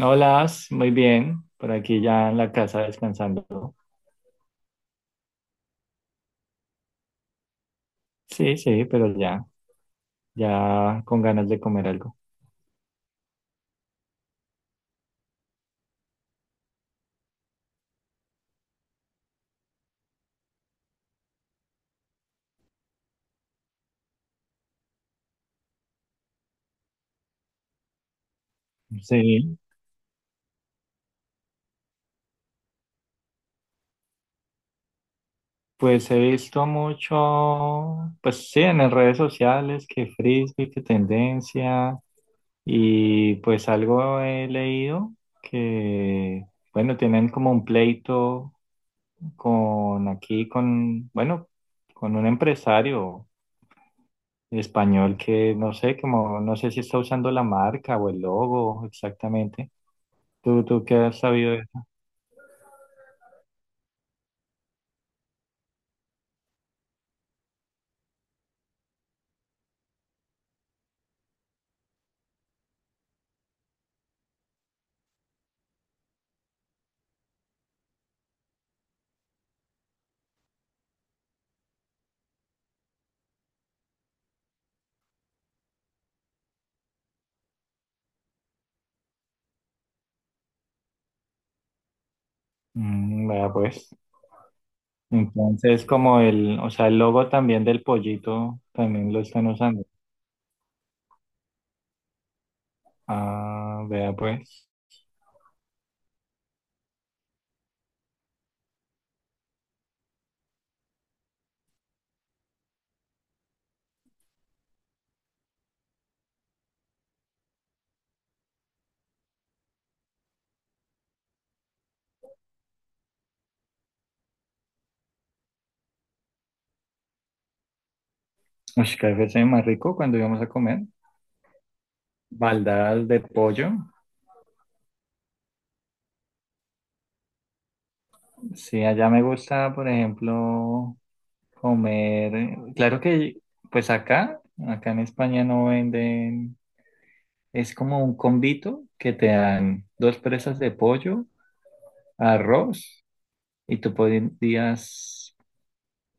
Hola, muy bien. Por aquí ya en la casa descansando. Sí, sí, pero ya, ya con ganas de comer algo. Sí, pues he visto mucho, pues sí, en las redes sociales, que frisbee, que tendencia, y pues algo he leído que, bueno, tienen como un pleito con aquí, con, bueno, con un empresario español que no sé, como no sé si está usando la marca o el logo exactamente. ¿Tú qué has sabido de eso? Mm, vea pues. Entonces, como el, o sea, el logo también del pollito también lo están usando. Ah, vea pues. Ush, KFC más rico cuando íbamos a comer. Baldadas de pollo. Sí, allá me gusta, por ejemplo, comer. Claro que, pues acá, acá en España no venden. Es como un convito que te dan dos presas de pollo, arroz, y tú podías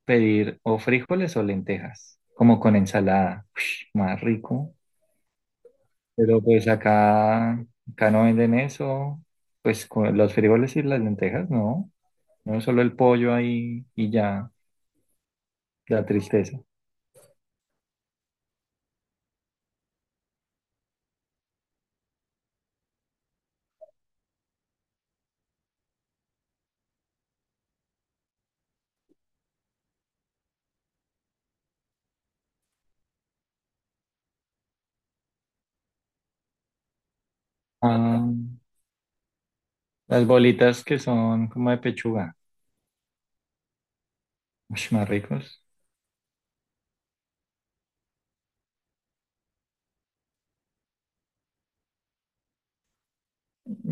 pedir o frijoles o lentejas, como con ensalada. Ush, más rico. Pero pues acá, acá no venden eso, pues con los frijoles y las lentejas, no. No solo el pollo ahí y ya, la tristeza. Ah, las bolitas que son como de pechuga. Ush, más ricos.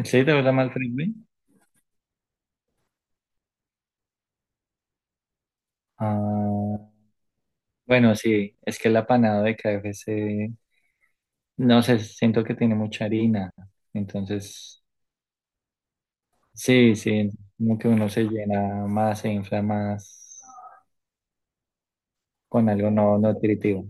¿Sí te gusta más el frisbee? Ah, bueno, sí, es que el apanado de KFC, no sé, siento que tiene mucha harina. Entonces, sí, sí, como que uno se llena más, se infla más con algo no nutritivo.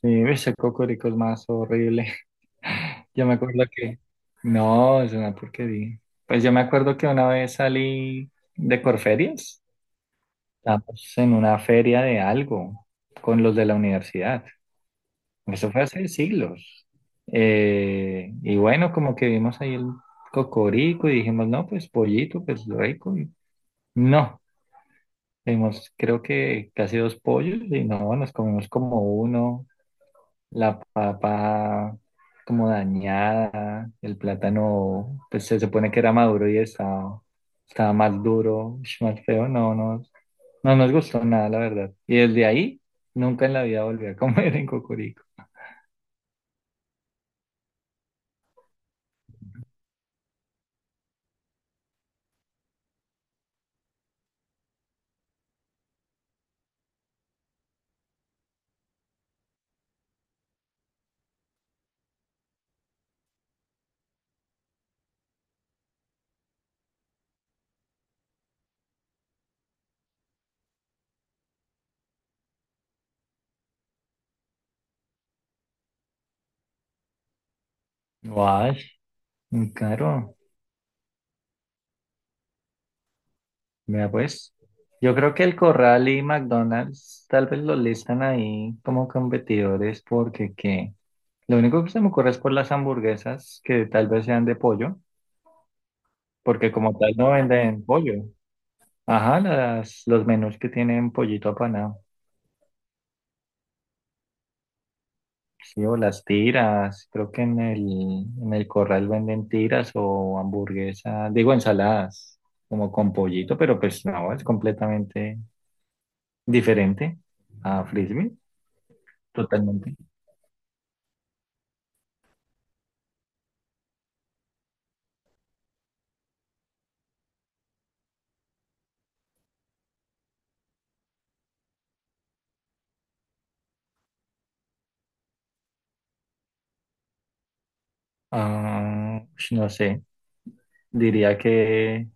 Sí, ese cocorico es más horrible. Yo me acuerdo que, no, es una porquería. Pues yo me acuerdo que una vez salí de Corferias, estábamos en una feria de algo con los de la universidad. Pues, eso fue hace siglos. Y bueno, como que vimos ahí el cocorico y dijimos, no, pues pollito, pues rico. Y no, vimos creo que casi dos pollos y no, nos comimos como uno, la papa como dañada, el plátano, pues se supone que era maduro y estaba, estaba más duro, ush, más feo, no, no, no nos gustó nada, la verdad. Y desde ahí, nunca en la vida volví a comer en cocorico. Guay, muy caro. Mira, pues, yo creo que el Corral y McDonald's tal vez lo listan ahí como competidores porque que lo único que se me ocurre es por las hamburguesas que tal vez sean de pollo, porque como tal no venden pollo. Ajá, las, los menús que tienen pollito apanado. Sí, o las tiras, creo que en el Corral venden tiras o hamburguesas, digo ensaladas, como con pollito, pero pues no, es completamente diferente a Frisbee, totalmente. Ah, ush, no sé, diría que,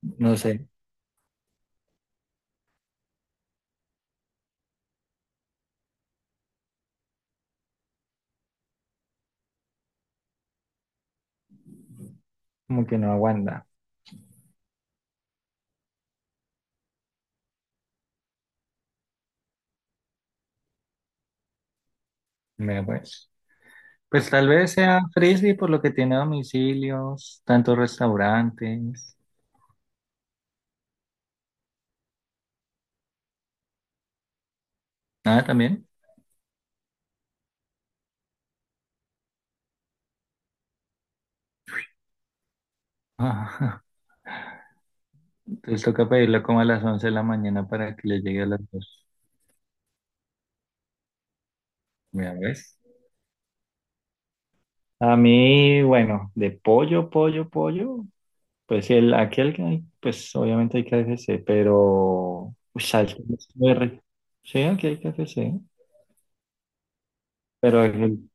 no sé, como que no aguanta. Me pues. Pues tal vez sea frisbee por lo que tiene domicilios, tantos restaurantes. Nada, también. Ah, entonces toca pedirlo como a las 11 de la mañana para que le llegue a las dos. Mira, ¿ves? A mí, bueno, de pollo, pollo, pollo, pues el, aquel que hay, pues obviamente hay KFC, pero, uy, salsa, es muy rica. Sí, aquí hay KFC. Pero el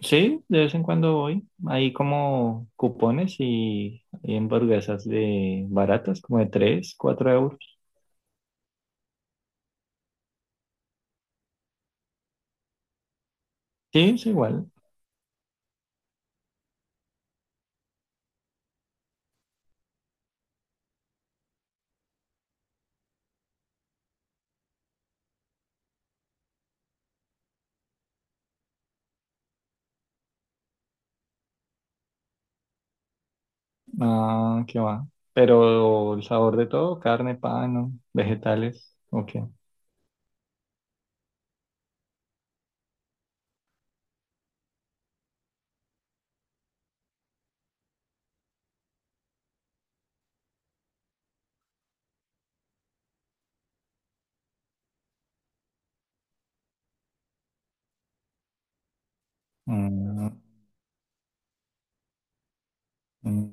sí, de vez en cuando voy. Hay como cupones y hamburguesas de baratas, como de 3, 4 euros. Sí, es igual. Ah, qué va. Pero el sabor de todo, carne, pan, ¿no? Vegetales, ok. Mm, mm,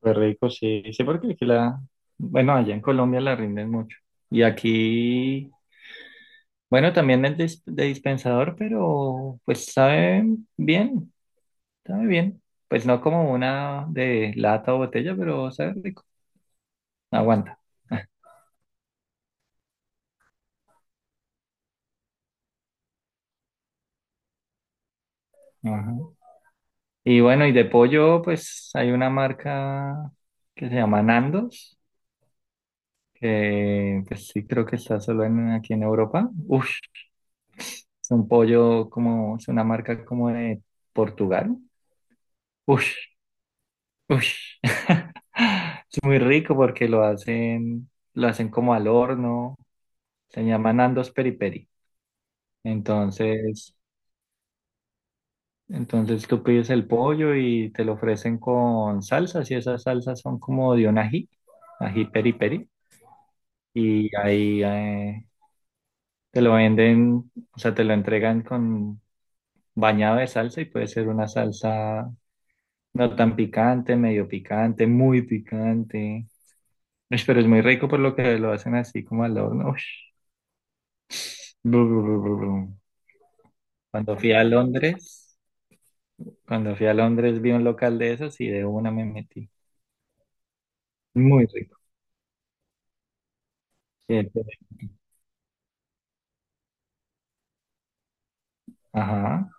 fue rico, sí. Sí, porque aquí la, bueno, allá en Colombia la rinden mucho. Y aquí, bueno, también es dis- de dispensador, pero pues sabe bien. Está muy bien. Pues no como una de lata o botella, pero sabe rico. Aguanta. Ajá. Y bueno, y de pollo, pues hay una marca que se llama Nandos, que pues sí creo que está solo en, aquí en Europa. Uf, es un pollo como, es una marca como de Portugal. Uf, uf. Es muy rico porque lo hacen como al horno. Se llama Nandos Peri Peri. Entonces, entonces tú pides el pollo y te lo ofrecen con salsas y esas salsas son como de un ají, ají peri peri. Y ahí te lo venden, o sea, te lo entregan con bañado de salsa y puede ser una salsa no tan picante, medio picante, muy picante. Ush, pero es muy rico por lo que lo hacen así como al horno. Ush. Bru, bru, bru, bru, bru. Cuando fui a Londres, cuando fui a Londres vi un local de esos y de una me metí. Muy rico. Sí, entonces, ajá.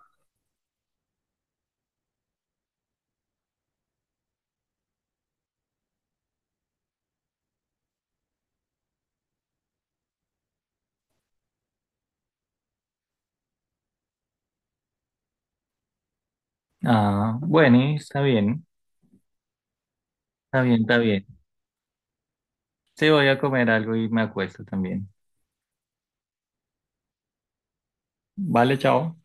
Ah, bueno, está bien, está bien, está bien. Sí, voy a comer algo y me acuesto también. Vale, chao.